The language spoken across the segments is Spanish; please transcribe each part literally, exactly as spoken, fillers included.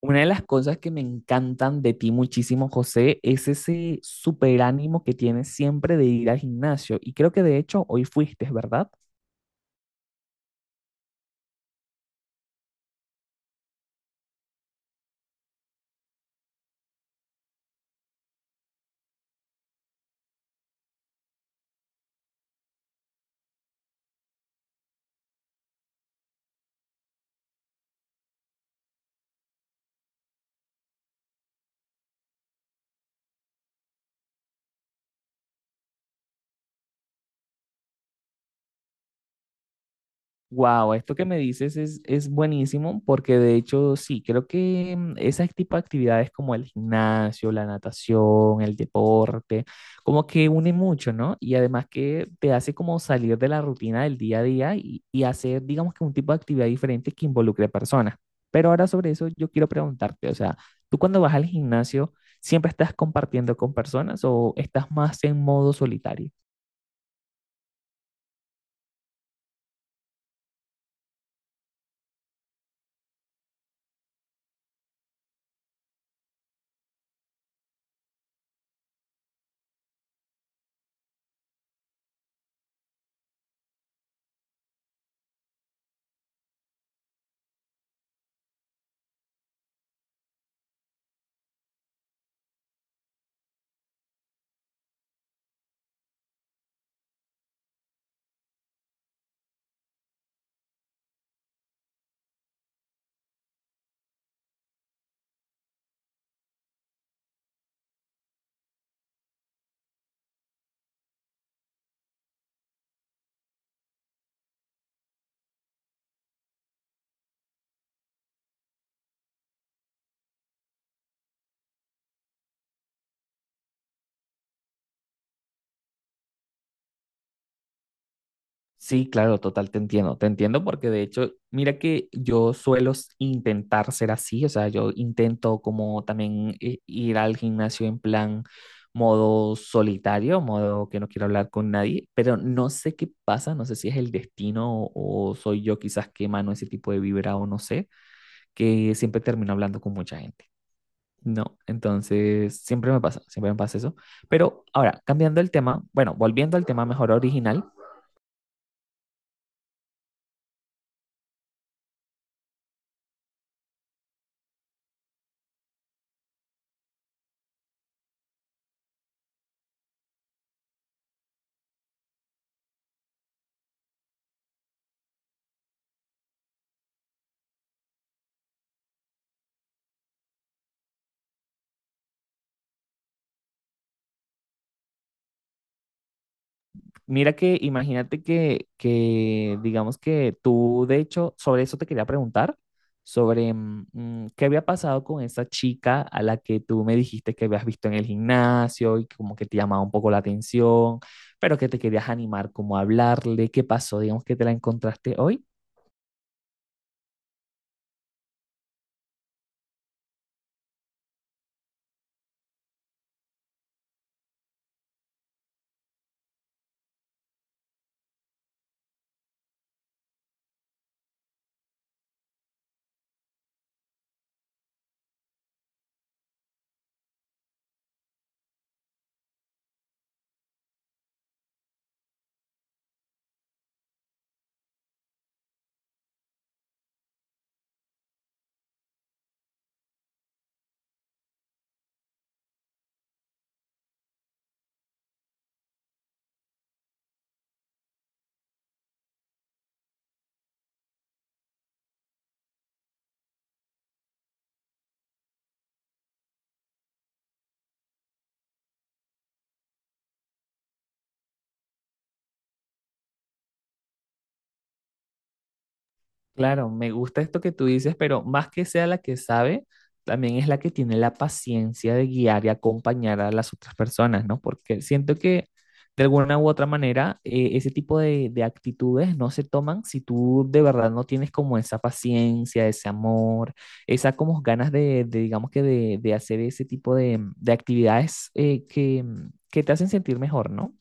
Una de las cosas que me encantan de ti muchísimo, José, es ese superánimo que tienes siempre de ir al gimnasio. Y creo que de hecho hoy fuiste, ¿verdad? Wow, esto que me dices es, es buenísimo porque de hecho sí, creo que mm, ese tipo de actividades como el gimnasio, la natación, el deporte, como que une mucho, ¿no? Y además que te hace como salir de la rutina del día a día y, y hacer, digamos que un tipo de actividad diferente que involucre personas. Pero ahora sobre eso yo quiero preguntarte, o sea, ¿tú cuando vas al gimnasio siempre estás compartiendo con personas o estás más en modo solitario? Sí, claro, total, te entiendo, te entiendo porque de hecho, mira que yo suelo s- intentar ser así, o sea, yo intento como también eh, ir al gimnasio en plan modo solitario, modo que no quiero hablar con nadie, pero no sé qué pasa, no sé si es el destino o, o soy yo quizás que emano ese tipo de vibra o no sé, que siempre termino hablando con mucha gente. No, entonces siempre me pasa, siempre me pasa eso. Pero ahora, cambiando el tema, bueno, volviendo al tema mejor original. Mira que imagínate que, que, digamos que tú, de hecho, sobre eso te quería preguntar, sobre mm, mm, qué había pasado con esa chica a la que tú me dijiste que habías visto en el gimnasio y que como que te llamaba un poco la atención, pero que te querías animar como a hablarle, qué pasó, digamos que te la encontraste hoy. Claro, me gusta esto que tú dices, pero más que sea la que sabe, también es la que tiene la paciencia de guiar y acompañar a las otras personas, ¿no? Porque siento que de alguna u otra manera eh, ese tipo de, de actitudes no se toman si tú de verdad no tienes como esa paciencia, ese amor, esa como ganas de, de, digamos que de, de hacer ese tipo de, de actividades eh, que, que te hacen sentir mejor, ¿no?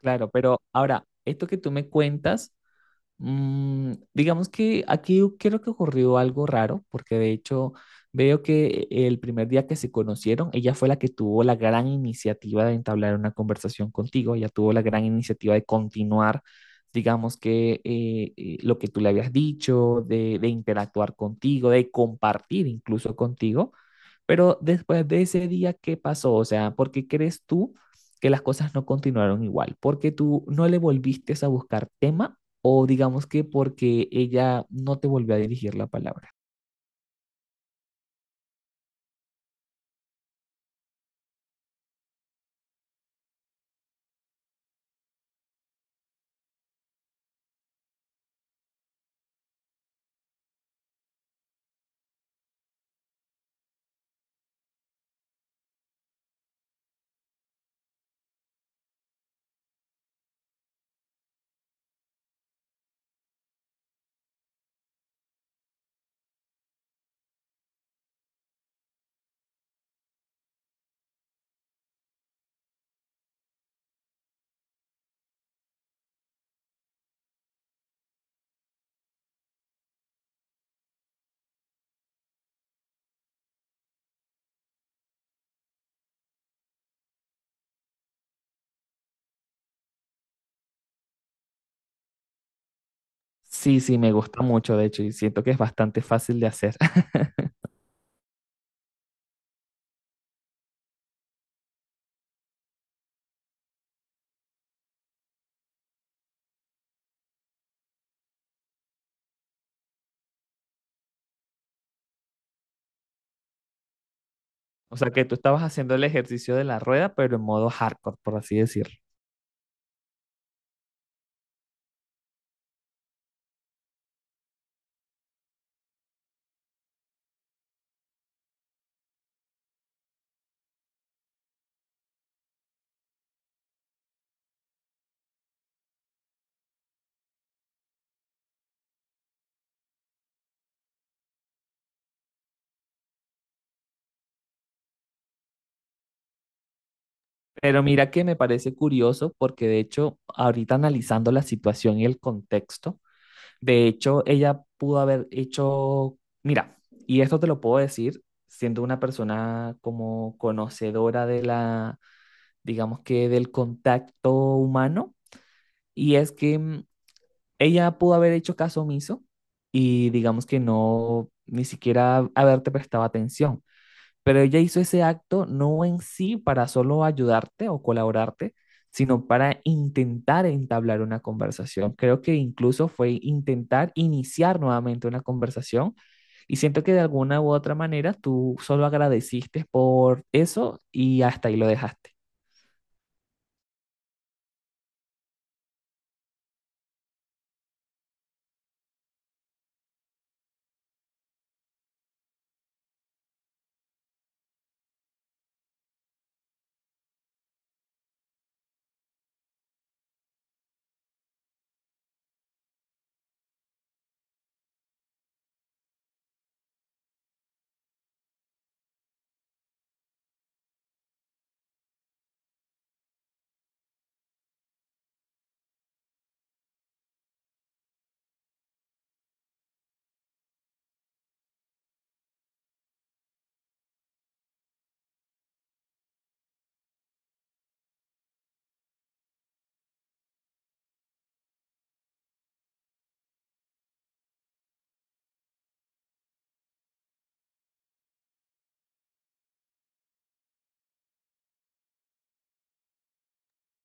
Claro, pero ahora, esto que tú me cuentas... Mm, digamos que aquí u- creo que ocurrió algo raro, porque de hecho veo que e, el primer día que se conocieron, ella fue la que tuvo la gran iniciativa de entablar una conversación contigo, ella tuvo la gran iniciativa de continuar, digamos que eh, eh, lo que tú le habías dicho, de, de interactuar contigo, de compartir incluso contigo. Pero después de ese día, ¿qué pasó? O sea, ¿por qué crees tú que las cosas no continuaron igual? ¿Porque tú no le volviste a buscar tema o digamos que porque ella no te volvió a dirigir la palabra? Sí, sí, me gusta mucho, de hecho, y siento que es bastante fácil de hacer. O sea, que tú estabas haciendo el ejercicio de la rueda, pero en modo hardcore, por así decirlo. Pero mira que me parece curioso porque de hecho, ahorita analizando la situación y el contexto, de hecho, ella pudo haber hecho, mira, y esto te lo puedo decir siendo una persona como conocedora de la, digamos que del contacto humano, y es que mm, ella pudo haber hecho caso omiso y digamos que no, ni siquiera haberte prestado atención. Pero ella hizo ese acto no en sí para solo ayudarte o colaborarte, sino para intentar entablar una conversación. Creo que incluso fue intentar iniciar nuevamente una conversación y siento que de alguna u otra manera tú solo agradeciste por eso y hasta ahí lo dejaste.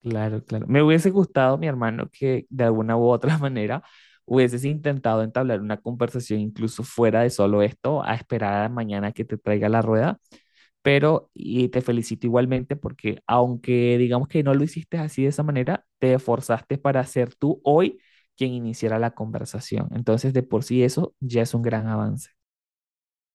Claro, claro. Me hubiese gustado, mi hermano, que de alguna u otra manera hubieses intentado entablar una conversación incluso fuera de solo esto, a esperar a mañana que te traiga la rueda, pero y te felicito igualmente porque aunque digamos que no lo hiciste así de esa manera, te esforzaste para ser tú hoy quien iniciara la conversación. Entonces, de por sí eso ya es un gran avance.